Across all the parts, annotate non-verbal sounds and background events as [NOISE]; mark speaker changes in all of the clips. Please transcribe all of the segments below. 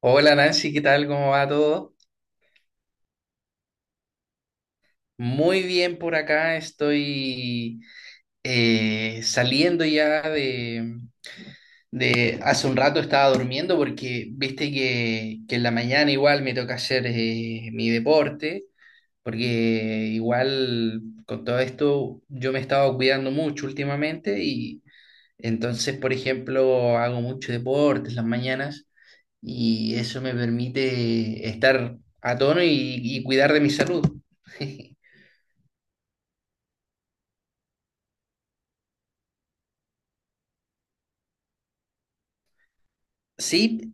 Speaker 1: Hola Nancy, ¿qué tal? ¿Cómo va todo? Muy bien por acá, estoy saliendo ya Hace un rato estaba durmiendo porque viste que en la mañana igual me toca hacer mi deporte, porque igual con todo esto yo me he estado cuidando mucho últimamente y entonces, por ejemplo, hago mucho deporte en las mañanas. Y eso me permite estar a tono y cuidar de mi salud. [LAUGHS] Sí,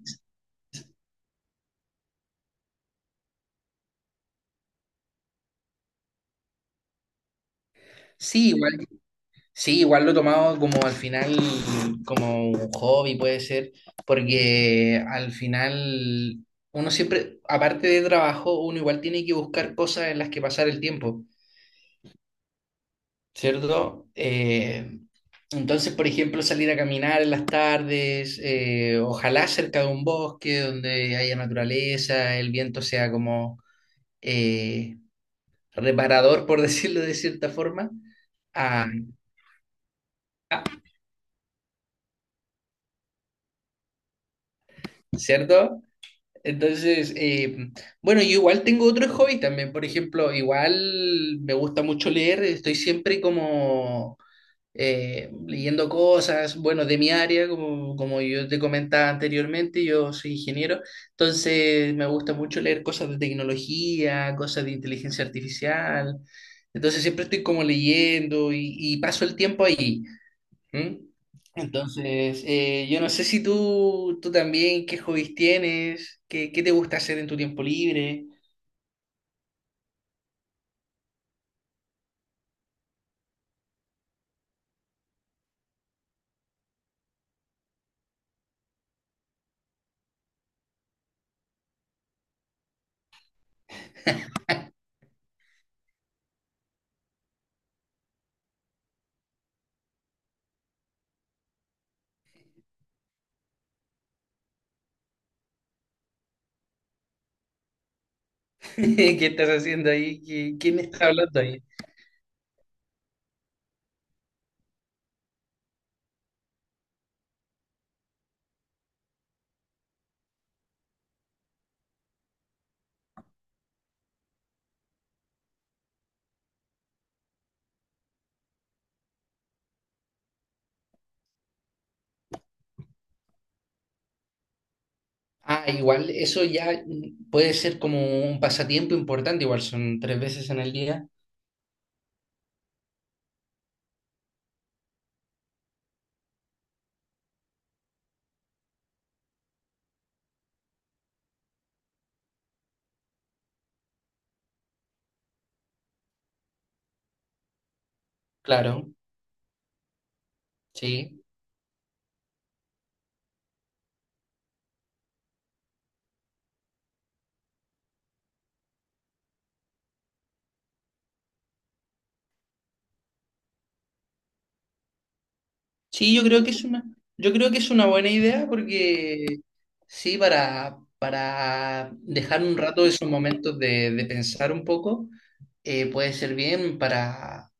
Speaker 1: sí, igual, sí, igual lo he tomado como al final, como un hobby puede ser, porque al final uno siempre, aparte de trabajo, uno igual tiene que buscar cosas en las que pasar el tiempo, ¿cierto? Entonces, por ejemplo, salir a caminar en las tardes, ojalá cerca de un bosque donde haya naturaleza, el viento sea como eh, reparador, por [LAUGHS] decirlo de cierta forma, a, a- ¿cierto? Entonces, bueno, yo igual tengo otros hobbies también, por ejemplo, igual me gusta mucho leer, estoy siempre como leyendo cosas, bueno, de mi área, como yo te comentaba anteriormente, yo soy ingeniero, entonces me gusta mucho leer cosas de tecnología, cosas de inteligencia artificial, entonces siempre estoy como leyendo y paso el tiempo ahí. ¿Mm? Entonces, yo no sé si tú también, qué hobbies tienes, qué te gusta hacer en tu tiempo libre, [LAUGHS] qué estás haciendo ahí, ¿ quién está hablando ahí. Ah, igual, eso ya puede ser como un pasatiempo importante, igual son tres veces en el día. Claro, sí. Sí, yo creo que es una buena idea porque sí, para dejar un rato esos momentos de pensar un poco, puede ser bien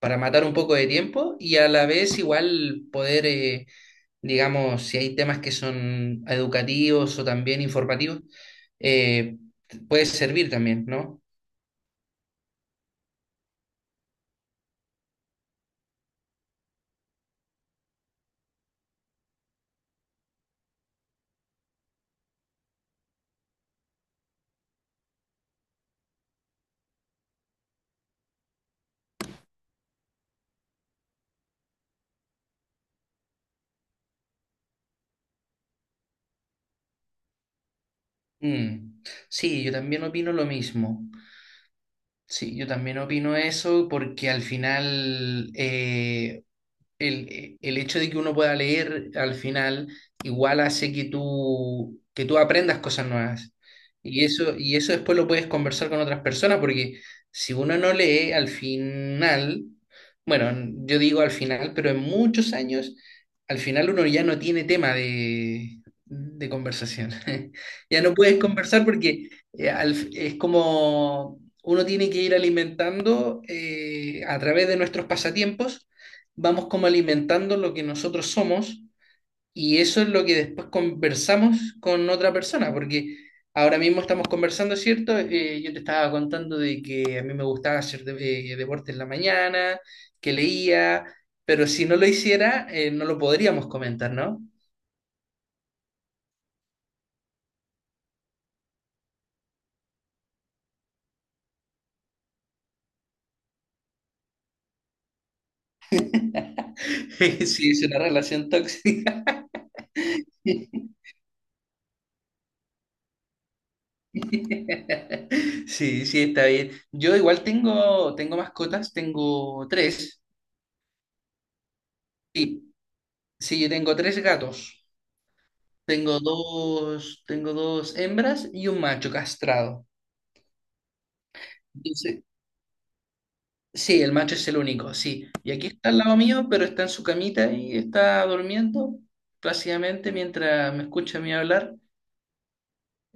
Speaker 1: para matar un poco de tiempo y a la vez igual poder, digamos, si hay temas que son educativos o también informativos, eh, puede servir también, ¿no? Mm. Sí, yo también opino lo mismo. Sí, yo también opino eso porque al final, el hecho de que uno pueda leer al final igual hace que que tú aprendas cosas nuevas. Y eso después lo puedes conversar con otras personas, porque si uno no lee al final, bueno, yo digo al final, pero en muchos años, al final uno ya no tiene tema de conversación. [LAUGHS] Ya no puedes conversar porque es como uno tiene que ir alimentando a través de nuestros pasatiempos vamos como alimentando lo que nosotros somos y eso es lo que después conversamos con otra persona, porque ahora mismo estamos conversando, ¿cierto? Yo te estaba contando de que a mí me gustaba hacer deporte en la mañana, que leía, pero si no lo hiciera, no lo podríamos comentar, ¿no? [LAUGHS] Sí, es una relación tóxica. [LAUGHS] Sí, sí, está bien. Yo igual tengo mascotas, tengo tres. Sí, sí, yo tengo tres gatos. Tengo dos hembras y un macho castrado. Entonces, sí, el macho es el único, sí. Y aquí está al lado mío, pero está en su camita y está durmiendo plácidamente mientras me escucha a mí hablar.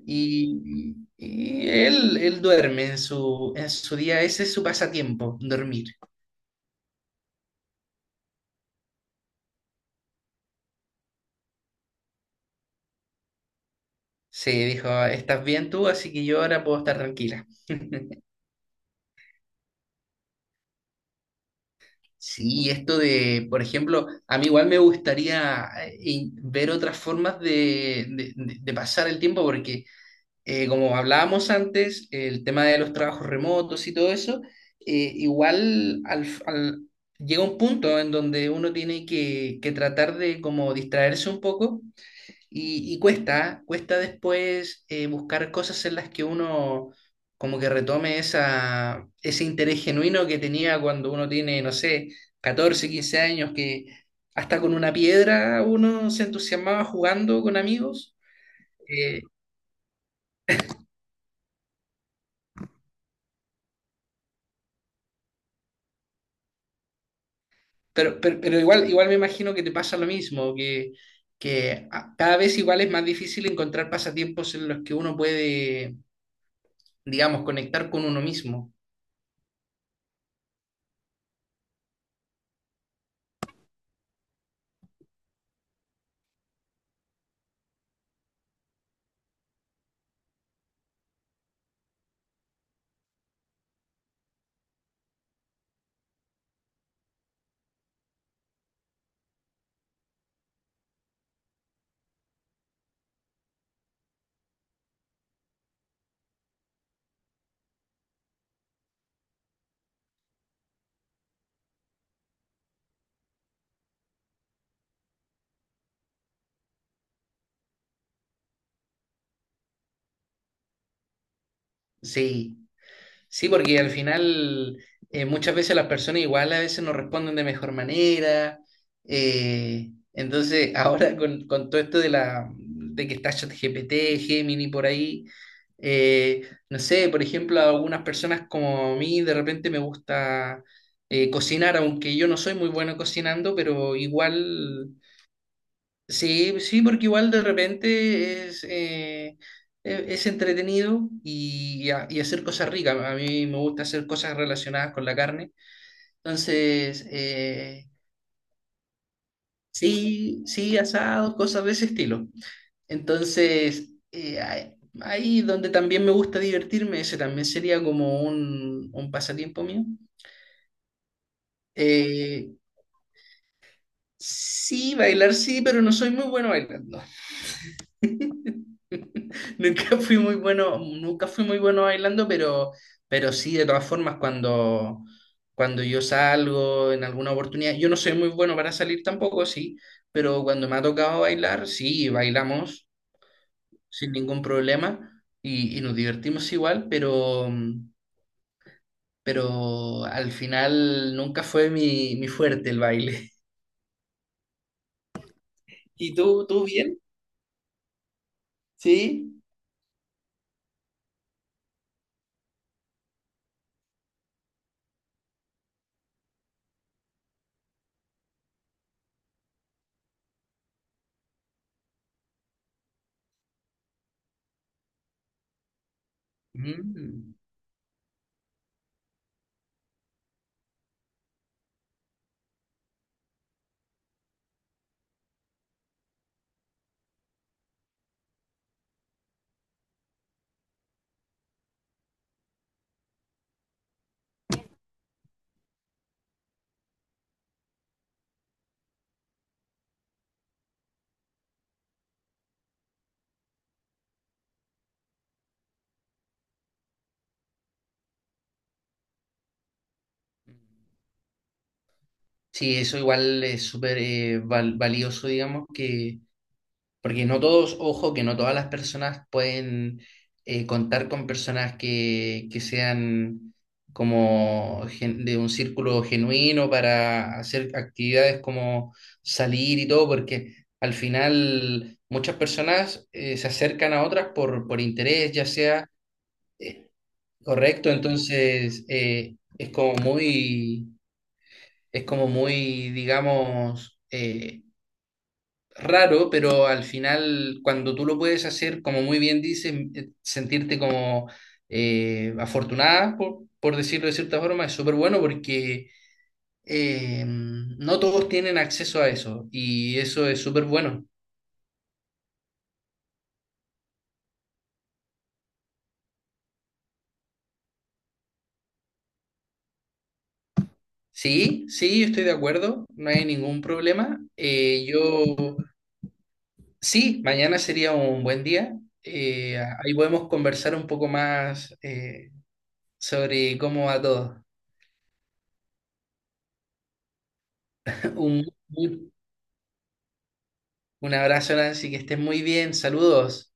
Speaker 1: Él duerme en en su día, ese es su pasatiempo, dormir. Sí, dijo, estás bien tú, así que yo ahora puedo estar tranquila. [LAUGHS] Sí, esto de, por ejemplo, a mí igual me gustaría ver otras formas de pasar el tiempo, porque como hablábamos antes, el tema de los trabajos remotos y todo eso, igual llega un punto en donde uno tiene que tratar de como distraerse un poco y cuesta después buscar cosas en las que uno como que retome ese interés genuino que tenía cuando uno tiene, no sé, 14 15 años, que hasta con una piedra uno se entusiasmaba jugando con amigos. Eh, pero igual, igual me imagino que te pasa lo mismo, cada vez igual es más difícil encontrar pasatiempos en los que uno puede, digamos, conectar con uno mismo. Sí. Sí, porque al final muchas veces las personas igual a veces nos responden de mejor manera. Entonces, [LAUGHS] ahora con todo esto de la de que está ChatGPT, Gemini por ahí, eh, no sé, por ejemplo, a algunas personas como a mí de repente me gusta cocinar, aunque yo no soy muy bueno cocinando, pero igual sí, sí, porque igual de repente es, es entretenido y, y hacer cosas ricas. A mí me gusta hacer cosas relacionadas con la carne. Entonces, sí, sí, asados, cosas de ese estilo. Entonces, ahí ahí donde también me gusta divertirme, ese también sería como un pasatiempo mío. Eh, sí, bailar sí, pero no soy muy bueno bailando. [LAUGHS] Nunca fui muy bueno bailando, pero sí, de todas formas, cuando yo salgo en alguna oportunidad, yo no soy muy bueno para salir tampoco, sí, pero cuando me ha tocado bailar, sí, bailamos sin ningún problema y nos divertimos igual, pero al final nunca fue mi fuerte el baile. [LAUGHS] ¿Y tú bien? Sí. Mm. Sí, eso igual es súper valioso, digamos, que, porque no todos, ojo, que no todas las personas pueden contar con personas que sean como de un círculo genuino para hacer actividades como salir y todo, porque al final muchas personas se acercan a otras por interés, ya sea eh, correcto, entonces es como muy... Es como muy, digamos, raro, pero al final, cuando tú lo puedes hacer, como muy bien dices, sentirte como afortunada, por decirlo de cierta forma, es súper bueno porque no todos tienen acceso a eso y eso es súper bueno. Sí, sí, yo estoy de acuerdo, no hay ningún problema. Sí, mañana sería un buen día. Eh, ahí podemos conversar un poco más. Sobre cómo va todo. [LAUGHS] Un, un abrazo, Nancy, que estés muy bien. Saludos.